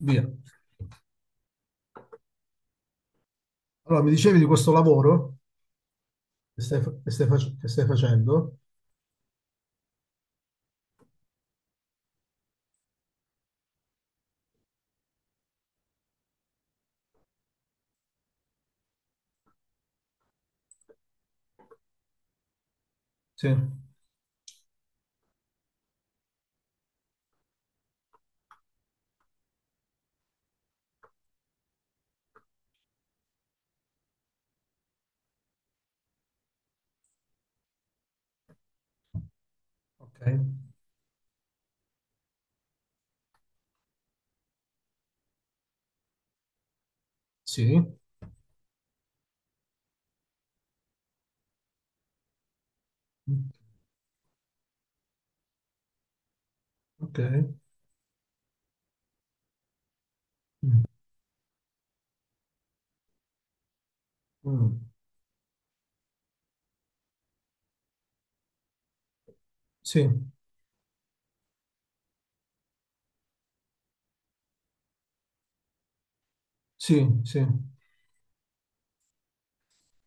Via. Allora, mi dicevi di questo lavoro che stai, fa- che stai fac- che stai facendo? Sì. Ok. Sì. Mm. Ok. Mm. Mm. Sì, sì, sì.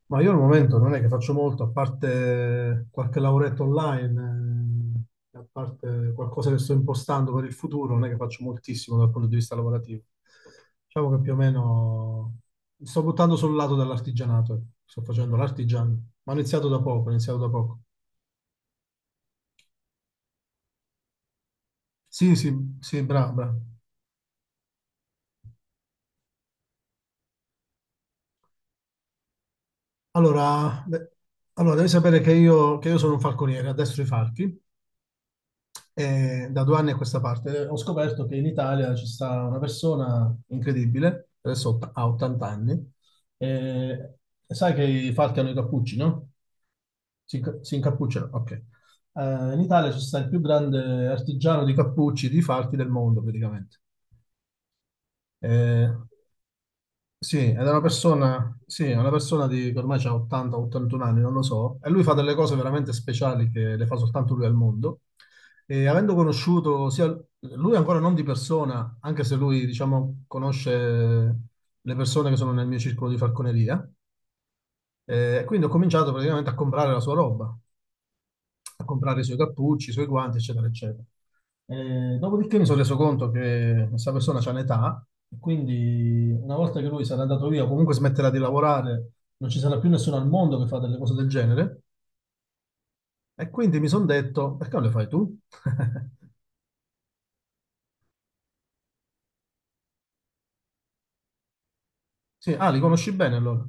Ma io al momento non è che faccio molto, a parte qualche lavoretto online, a parte qualcosa che sto impostando per il futuro, non è che faccio moltissimo dal punto di vista lavorativo. Diciamo che più o meno mi sto buttando sul lato dell'artigianato, ecco. Sto facendo l'artigiano, ma ho iniziato da poco, ho iniziato da poco. Sì, sì, sì, brava. Brava. Allora, beh, allora, devi sapere che io sono un falconiere, addestro i falchi, e da 2 anni a questa parte ho scoperto che in Italia ci sta una persona incredibile, adesso ha 80 anni, e sai che i falchi hanno i cappucci, no? Si, si incappucciano, ok. In Italia ci sta il più grande artigiano di cappucci di falchi del mondo, praticamente. Eh, Sì, ed è una persona, sì, è una persona di, che ormai ha 80-81 anni, non lo so, e lui fa delle cose veramente speciali che le fa soltanto lui al mondo. E avendo conosciuto sia lui ancora non di persona, anche se lui, diciamo, conosce le persone che sono nel mio circolo di falconeria, quindi ho cominciato praticamente a comprare la sua roba, a comprare i suoi cappucci, i suoi guanti, eccetera, eccetera. Dopodiché mi sono reso conto che questa persona c'ha un'età, e quindi una volta che lui sarà andato via, comunque smetterà di lavorare, non ci sarà più nessuno al mondo che fa delle cose del genere. E quindi mi sono detto, perché non le fai tu? Sì, ah, li conosci bene allora?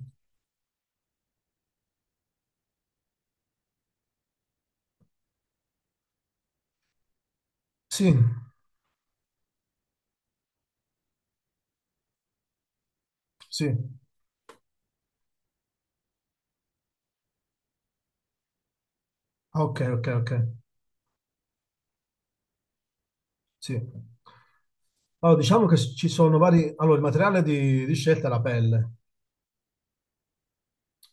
Sì, sì, ah, ok, ok, ok, sì. Allora, diciamo che ci sono vari... Allora, il materiale di scelta è la pelle.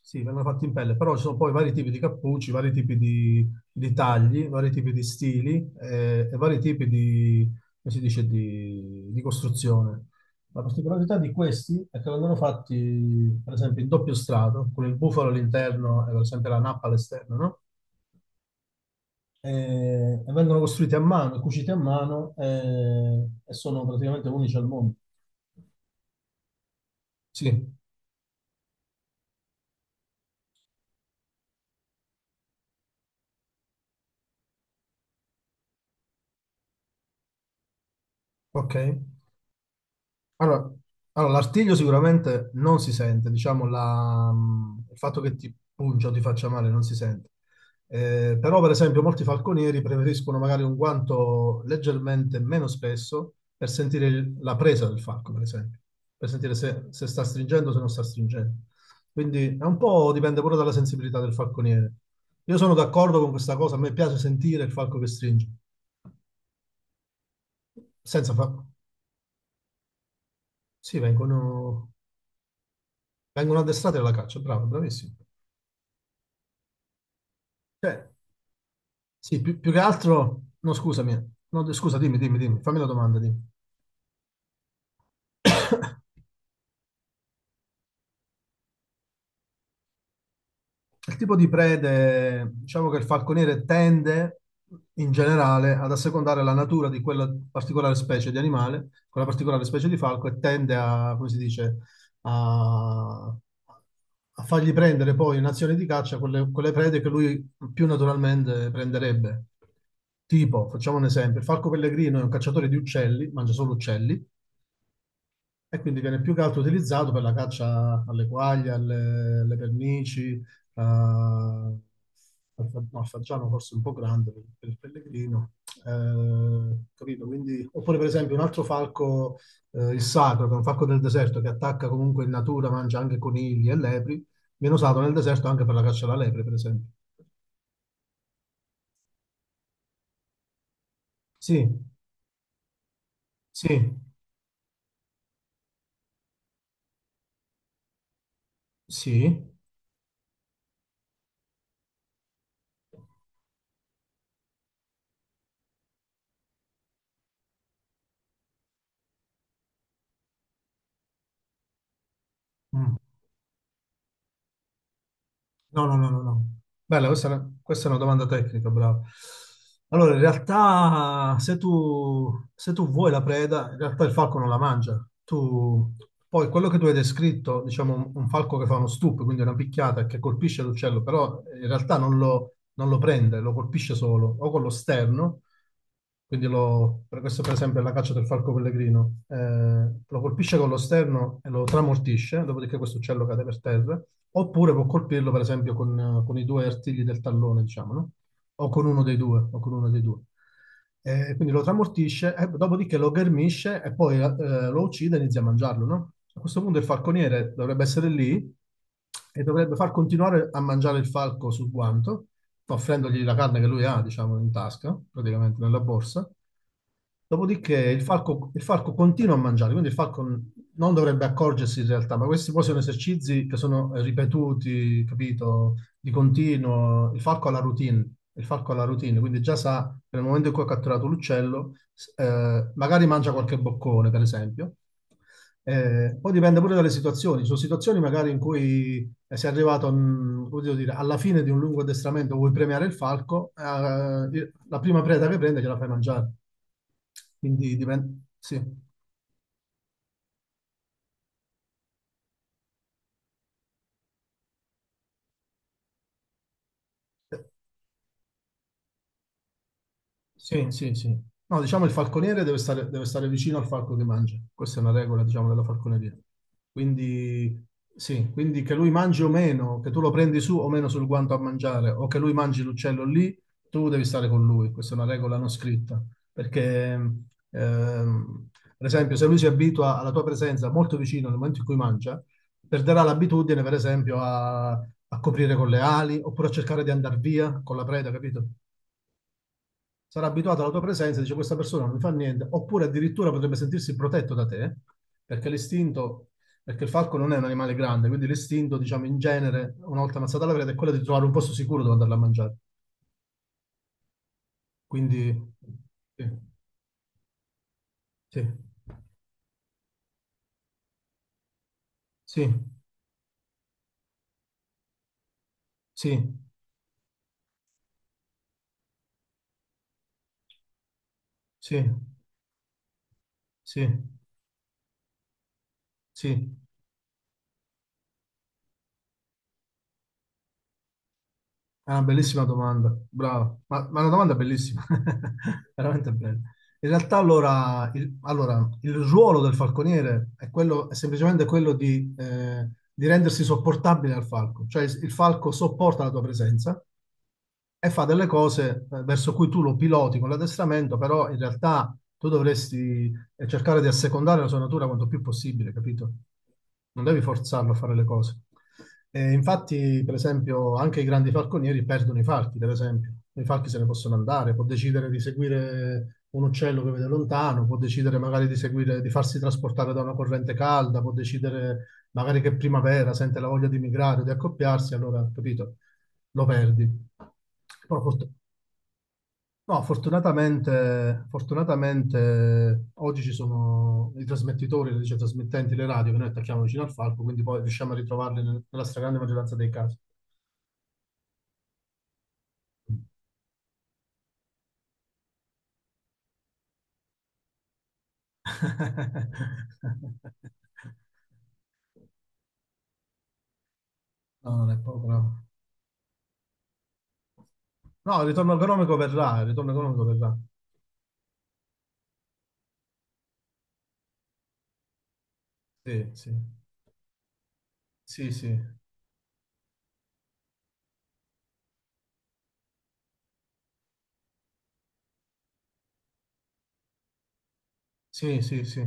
Sì, vengono fatti in pelle, però ci sono poi vari tipi di cappucci, vari tipi di tagli, vari tipi di stili, e vari tipi di, come si dice, di costruzione. La particolarità di questi è che vengono fatti, per esempio, in doppio strato, con il bufalo all'interno e per esempio la nappa all'esterno, no? E, e vengono costruiti a mano, cuciti a mano e sono praticamente unici al mondo. Sì, ok. Allora, allora, l'artiglio sicuramente non si sente, diciamo, il fatto che ti pungia o ti faccia male non si sente. Però, per esempio, molti falconieri preferiscono magari un guanto leggermente meno spesso per sentire la presa del falco, per esempio, per sentire se sta stringendo o se non sta stringendo. Quindi è un po' dipende pure dalla sensibilità del falconiere. Io sono d'accordo con questa cosa, a me piace sentire il falco che stringe. Senza fa... Sì, vengono... Vengono addestrati alla caccia, bravo, bravissimo. Cioè, sì, più che altro... No, scusami. No, scusa, dimmi, dimmi, dimmi. Fammi la domanda, dimmi. Il tipo di prede, diciamo che il falconiere tende in generale ad assecondare la natura di quella particolare specie di animale, quella particolare specie di falco, e tende a, come si dice, a, a, fargli prendere poi in azione di caccia quelle prede che lui più naturalmente prenderebbe. Tipo, facciamo un esempio, il falco pellegrino è un cacciatore di uccelli, mangia solo uccelli, e quindi viene più che altro utilizzato per la caccia alle quaglie, alle pernici, al, no, al fagiano forse un po' grande per il pellegrino. Capito? Quindi, oppure per esempio un altro falco, il sacro, che è un falco del deserto che attacca comunque in natura, mangia anche conigli e lepri, viene usato nel deserto anche per la caccia alla lepre, per esempio. Sì, sì, sì. Mm. No, no, no, no, no. Bella, questa è una, domanda tecnica, bravo. Allora, in realtà, se tu vuoi la preda, in realtà il falco non la mangia. Tu, poi, quello che tu hai descritto, diciamo, un falco che fa uno stup, quindi una picchiata che colpisce l'uccello, però in realtà non lo prende, lo colpisce solo, o con lo sterno, quindi lo, per questo per esempio è la caccia del falco pellegrino, lo colpisce con lo sterno e lo tramortisce, dopodiché questo uccello cade per terra. Oppure può colpirlo, per esempio, con i due artigli del tallone, diciamo, no? O con uno dei due, o con uno dei due. Quindi lo tramortisce, e dopodiché lo ghermisce e poi lo uccide e inizia a mangiarlo, no? A questo punto il falconiere dovrebbe essere lì e dovrebbe far continuare a mangiare il falco sul guanto, offrendogli la carne che lui ha, diciamo, in tasca, praticamente nella borsa. Dopodiché il falco continua a mangiare, quindi il falco non dovrebbe accorgersi in realtà, ma questi poi sono esercizi che sono, ripetuti, capito, di continuo. Il falco ha la routine, il falco ha la routine, quindi già sa che nel momento in cui ha catturato l'uccello, magari mangia qualche boccone, per esempio, poi dipende pure dalle situazioni, ci sono situazioni magari in cui sei arrivato, come devo dire, alla fine di un lungo addestramento, vuoi premiare il falco, la prima preda che prende gliela fai mangiare. Quindi dipende, sì. Sì, sì, sì. No, diciamo il falconiere deve stare vicino al falco che mangia. Questa è una regola, diciamo, della falconeria. Quindi, sì, quindi che lui mangi o meno, che tu lo prendi su o meno sul guanto a mangiare, o che lui mangi l'uccello lì, tu devi stare con lui. Questa è una regola non scritta. Perché, ehm, per esempio, se lui si abitua alla tua presenza molto vicino nel momento in cui mangia, perderà l'abitudine, per esempio, a, a coprire con le ali, oppure a cercare di andare via con la preda, capito? Sarà abituato alla tua presenza e dice questa persona non mi fa niente, oppure addirittura potrebbe sentirsi protetto da te, perché l'istinto, perché il falco non è un animale grande, quindi l'istinto, diciamo, in genere, una volta ammazzata la preda, è quello di trovare un posto sicuro dove andarla a mangiare. Quindi, sì, sì, sì, sì, sì, sì, sì. È una bellissima domanda, bravo, ma è una domanda bellissima, veramente bella. In realtà allora il ruolo del falconiere è, quello, è semplicemente quello di rendersi sopportabile al falco, cioè il falco sopporta la tua presenza e fa delle cose, verso cui tu lo piloti con l'addestramento, però in realtà tu dovresti, cercare di assecondare la sua natura quanto più possibile, capito? Non devi forzarlo a fare le cose. E infatti, per esempio, anche i grandi falconieri perdono i falchi, per esempio. I falchi se ne possono andare, può decidere di seguire un uccello che vede lontano, può decidere magari di seguire, di farsi trasportare da una corrente calda, può decidere magari che primavera sente la voglia di migrare, di accoppiarsi, allora, capito? Lo perdi. Però no, fortunatamente oggi ci sono i trasmettitori, le dice, trasmittenti, le radio che noi attacchiamo vicino al falco, quindi poi riusciamo a ritrovarli nella stragrande maggioranza dei casi. No, non è poco, no. No, il ritorno economico verrà, il ritorno economico verrà. Sì, sì, sì, sì, sì, sì, sì,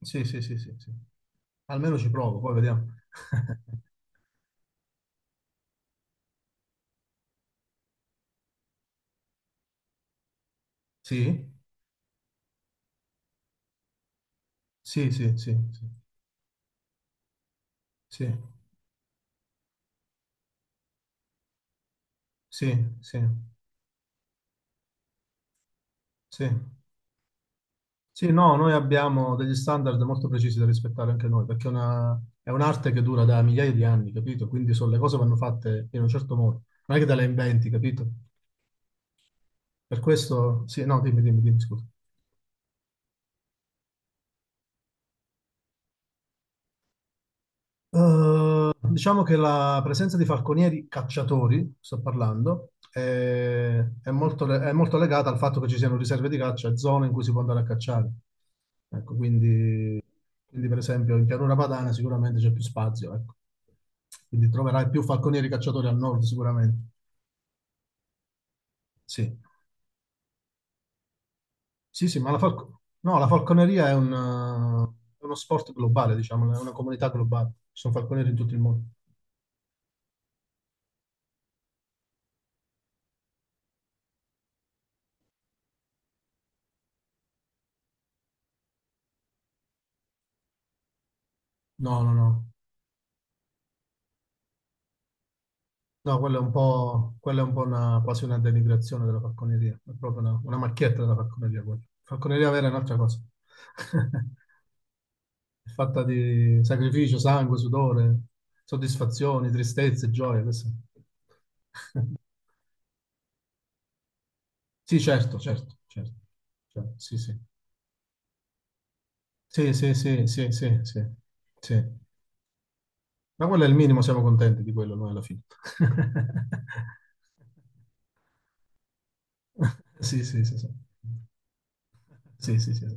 sì, sì, sì, sì, sì. Almeno ci provo, poi vediamo. Sì, sì, sì, sì, sì. Sì, sì, sì, sì. Sì, no, noi abbiamo degli standard molto precisi da rispettare anche noi, perché è una- è un'arte che dura da migliaia di anni, capito? Quindi le cose vanno fatte in un certo modo, non è che te le inventi, capito? Per questo, sì, no, dimmi, dimmi, dimmi, scusa. Diciamo che la presenza di falconieri cacciatori, sto parlando, è molto, le- è molto legata al fatto che ci siano riserve di caccia e zone in cui si può andare a cacciare. Ecco, quindi, per esempio in pianura padana sicuramente c'è più spazio, ecco. Quindi troverai più falconieri cacciatori al nord sicuramente. Sì, sì, sì, ma no, la falconeria è uno sport globale, diciamo, è una comunità globale. Ci sono falconieri in tutto il mondo. No, no, no. No, quella è un po', una, quasi una denigrazione della falconeria, è proprio una macchietta della falconeria, quella. Falconeria vera è un'altra cosa, è fatta di sacrificio, sangue, sudore, soddisfazioni, tristezze, gioie. Questo. Sì, certo, certo, certo, certo, sì, sì. Sì, sì, sì, sì, sì, sì, sì. Ma quello è il minimo, siamo contenti di quello noi alla fine. Sì, sì, sì, sì. Sì, sì, sì, sì.